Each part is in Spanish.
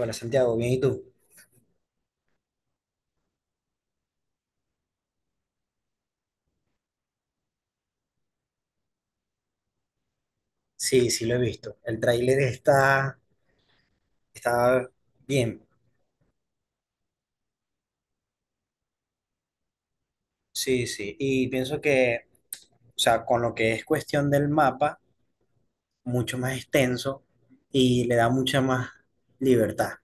Hola Santiago, bien, ¿y tú? Sí, sí, lo he visto. El tráiler está bien. Sí, sí. Y pienso o sea, con lo que es cuestión del mapa, mucho más extenso y le da mucha más libertad.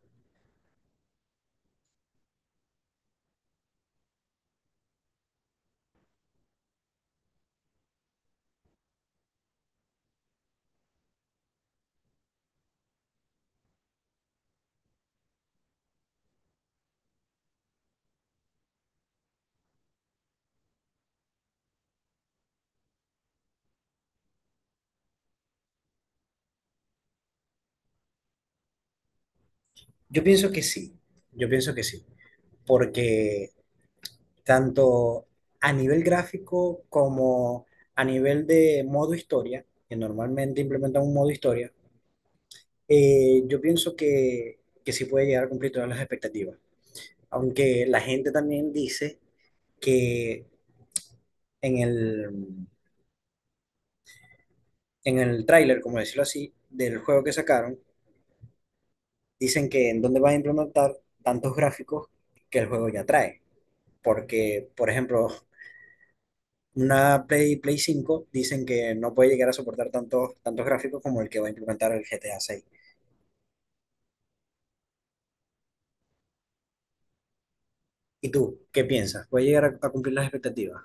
Yo pienso que sí, yo pienso que sí. Porque tanto a nivel gráfico como a nivel de modo historia, que normalmente implementan un modo historia, yo pienso que sí puede llegar a cumplir todas las expectativas. Aunque la gente también dice que en en el tráiler, como decirlo así, del juego que sacaron, dicen que en dónde van a implementar tantos gráficos que el juego ya trae. Porque, por ejemplo, una Play 5 dicen que no puede llegar a soportar tantos gráficos como el que va a implementar el GTA 6. ¿Y tú qué piensas? ¿Puede llegar a cumplir las expectativas?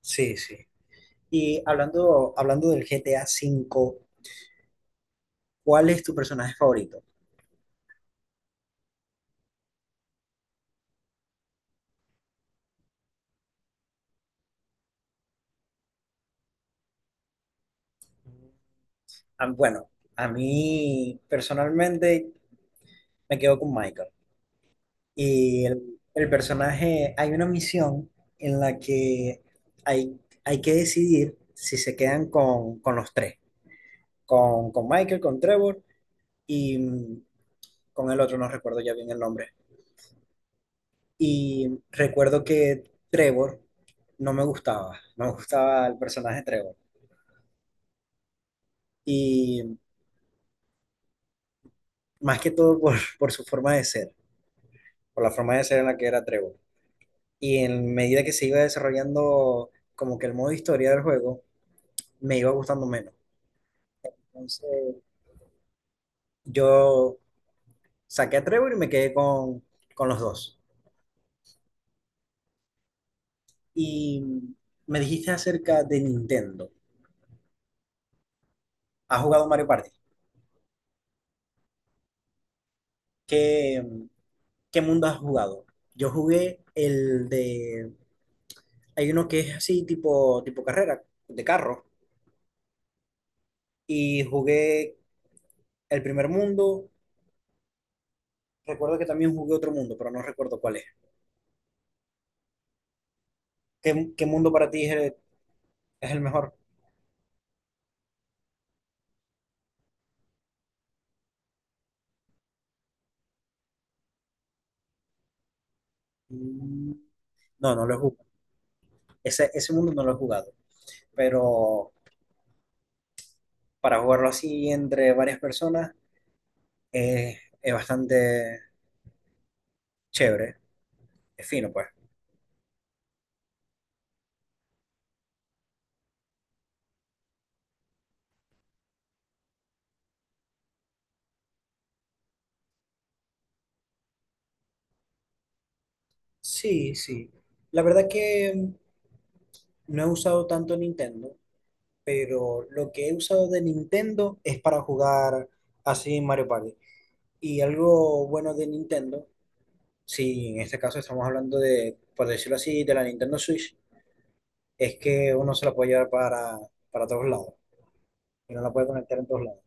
Sí, sí. Y hablando del GTA 5, ¿cuál es tu personaje favorito? Bueno, a mí personalmente me quedo con Michael. Y el personaje, hay una misión en la que hay, hay que decidir si se quedan con los tres, con Michael, con Trevor y con el otro, no recuerdo ya bien el nombre. Y recuerdo que Trevor no me gustaba, no me gustaba el personaje Trevor. Y más que todo por su forma de ser, por la forma de ser en la que era Trevor. Y en medida que se iba desarrollando como que el modo historia del juego, me iba gustando menos. Entonces, yo saqué a Trevor y me quedé con los dos. Y me dijiste acerca de Nintendo. ¿Has jugado Mario Party? ¿Qué, qué mundo has jugado? Yo jugué el de... Hay uno que es así, tipo carrera, de carro. Y jugué el primer mundo. Recuerdo que también jugué otro mundo, pero no recuerdo cuál es. Qué mundo para ti es es el mejor? Mm, no, no lo he jugado. Ese mundo no lo he jugado. Pero para jugarlo así entre varias personas es bastante chévere. Es fino, pues. Sí, sí. La verdad que no he usado tanto Nintendo, pero lo que he usado de Nintendo es para jugar así Mario Party. Y algo bueno de Nintendo, si en este caso estamos hablando de, por decirlo así, de la Nintendo Switch, es que uno se la puede llevar para todos lados. Y no la puede conectar en todos lados.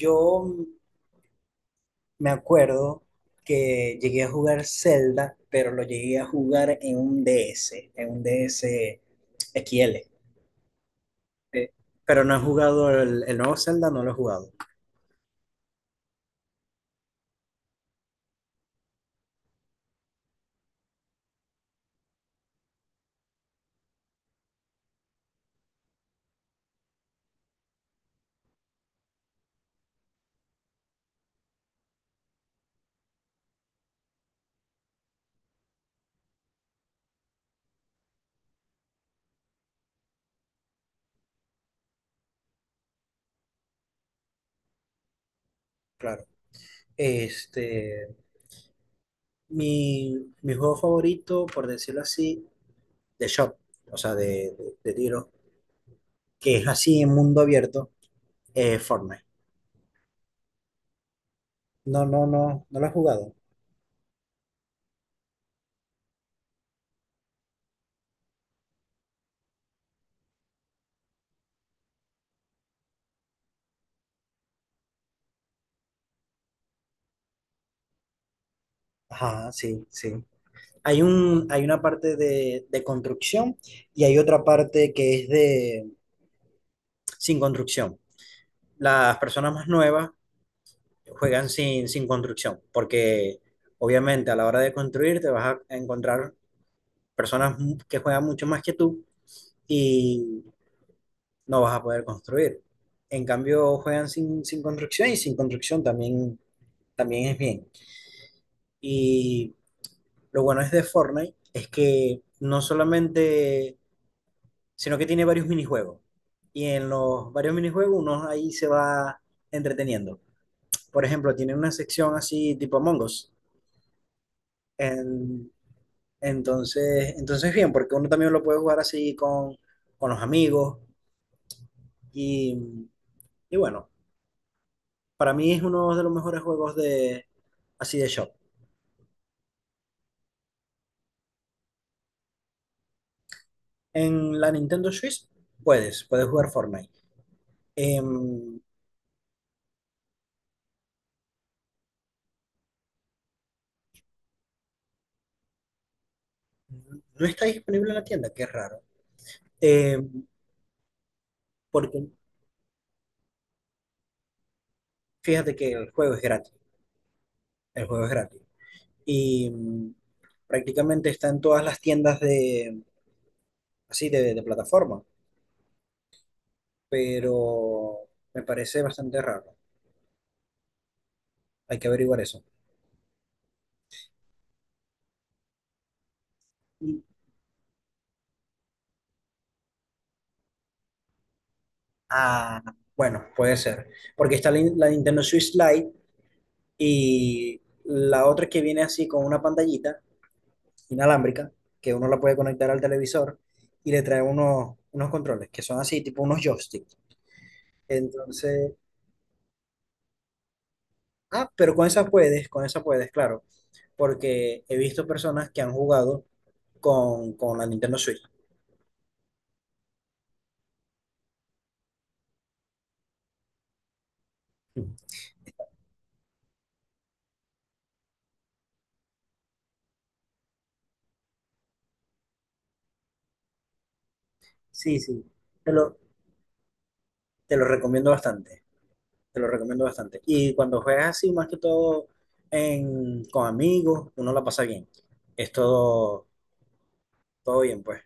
Yo me acuerdo que llegué a jugar Zelda, pero lo llegué a jugar en un DS, en un DS XL. eh, Pero no he jugado el nuevo Zelda, no lo he jugado, claro. Este, mi juego favorito, por decirlo así, de shop, o sea, de tiro, que es así en mundo abierto, es Fortnite. No, no, no, no lo he jugado. Ajá, sí, sí. Hay un, hay una parte de construcción y hay otra parte que es de sin construcción. Las personas más nuevas juegan sin construcción, porque obviamente a la hora de construir te vas a encontrar personas que juegan mucho más que tú y no vas a poder construir. En cambio, juegan sin construcción y sin construcción también, también es bien. Y lo bueno es de Fortnite es que no solamente sino que tiene varios minijuegos. Y en los varios minijuegos uno ahí se va entreteniendo. Por ejemplo, tiene una sección así tipo Among Us. En- entonces, entonces bien, porque uno también lo puede jugar así con los amigos. Y, y bueno, para mí es uno de los mejores juegos de, así de shop. En la Nintendo Switch puedes jugar Fortnite. Em, no está disponible en la tienda, qué raro. Em, porque fíjate que el juego es gratis. El juego es gratis. Y mm, prácticamente está en todas las tiendas de, así, de plataforma, pero me parece bastante raro. Hay que averiguar eso. Y- Ah, bueno, puede ser, porque está la Nintendo Switch Lite y la otra que viene así con una pantallita inalámbrica, que uno la puede conectar al televisor y le trae unos controles, que son así, tipo unos joysticks. Entonces, ah, pero con esa puedes, claro, porque he visto personas que han jugado con la Nintendo Switch. Sí, sí, te lo, te lo recomiendo bastante, te lo recomiendo bastante. Y cuando juegas así, más que todo en, con amigos, uno la pasa bien. Es todo, todo bien, pues.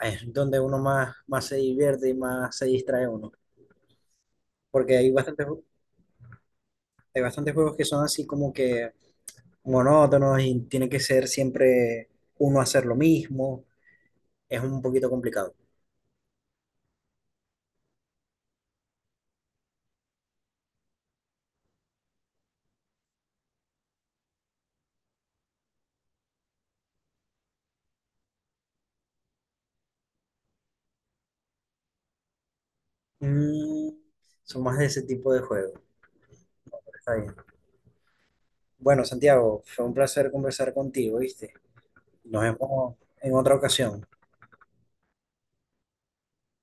Es donde uno más, más se divierte y más se distrae uno. Porque hay bastantes, hay bastantes juegos que son así como que monótonos y tiene que ser siempre uno hacer lo mismo. Es un poquito complicado. Mm, son más de ese tipo de juegos. Está bien. Bueno, Santiago, fue un placer conversar contigo, ¿viste? Nos vemos en otra ocasión.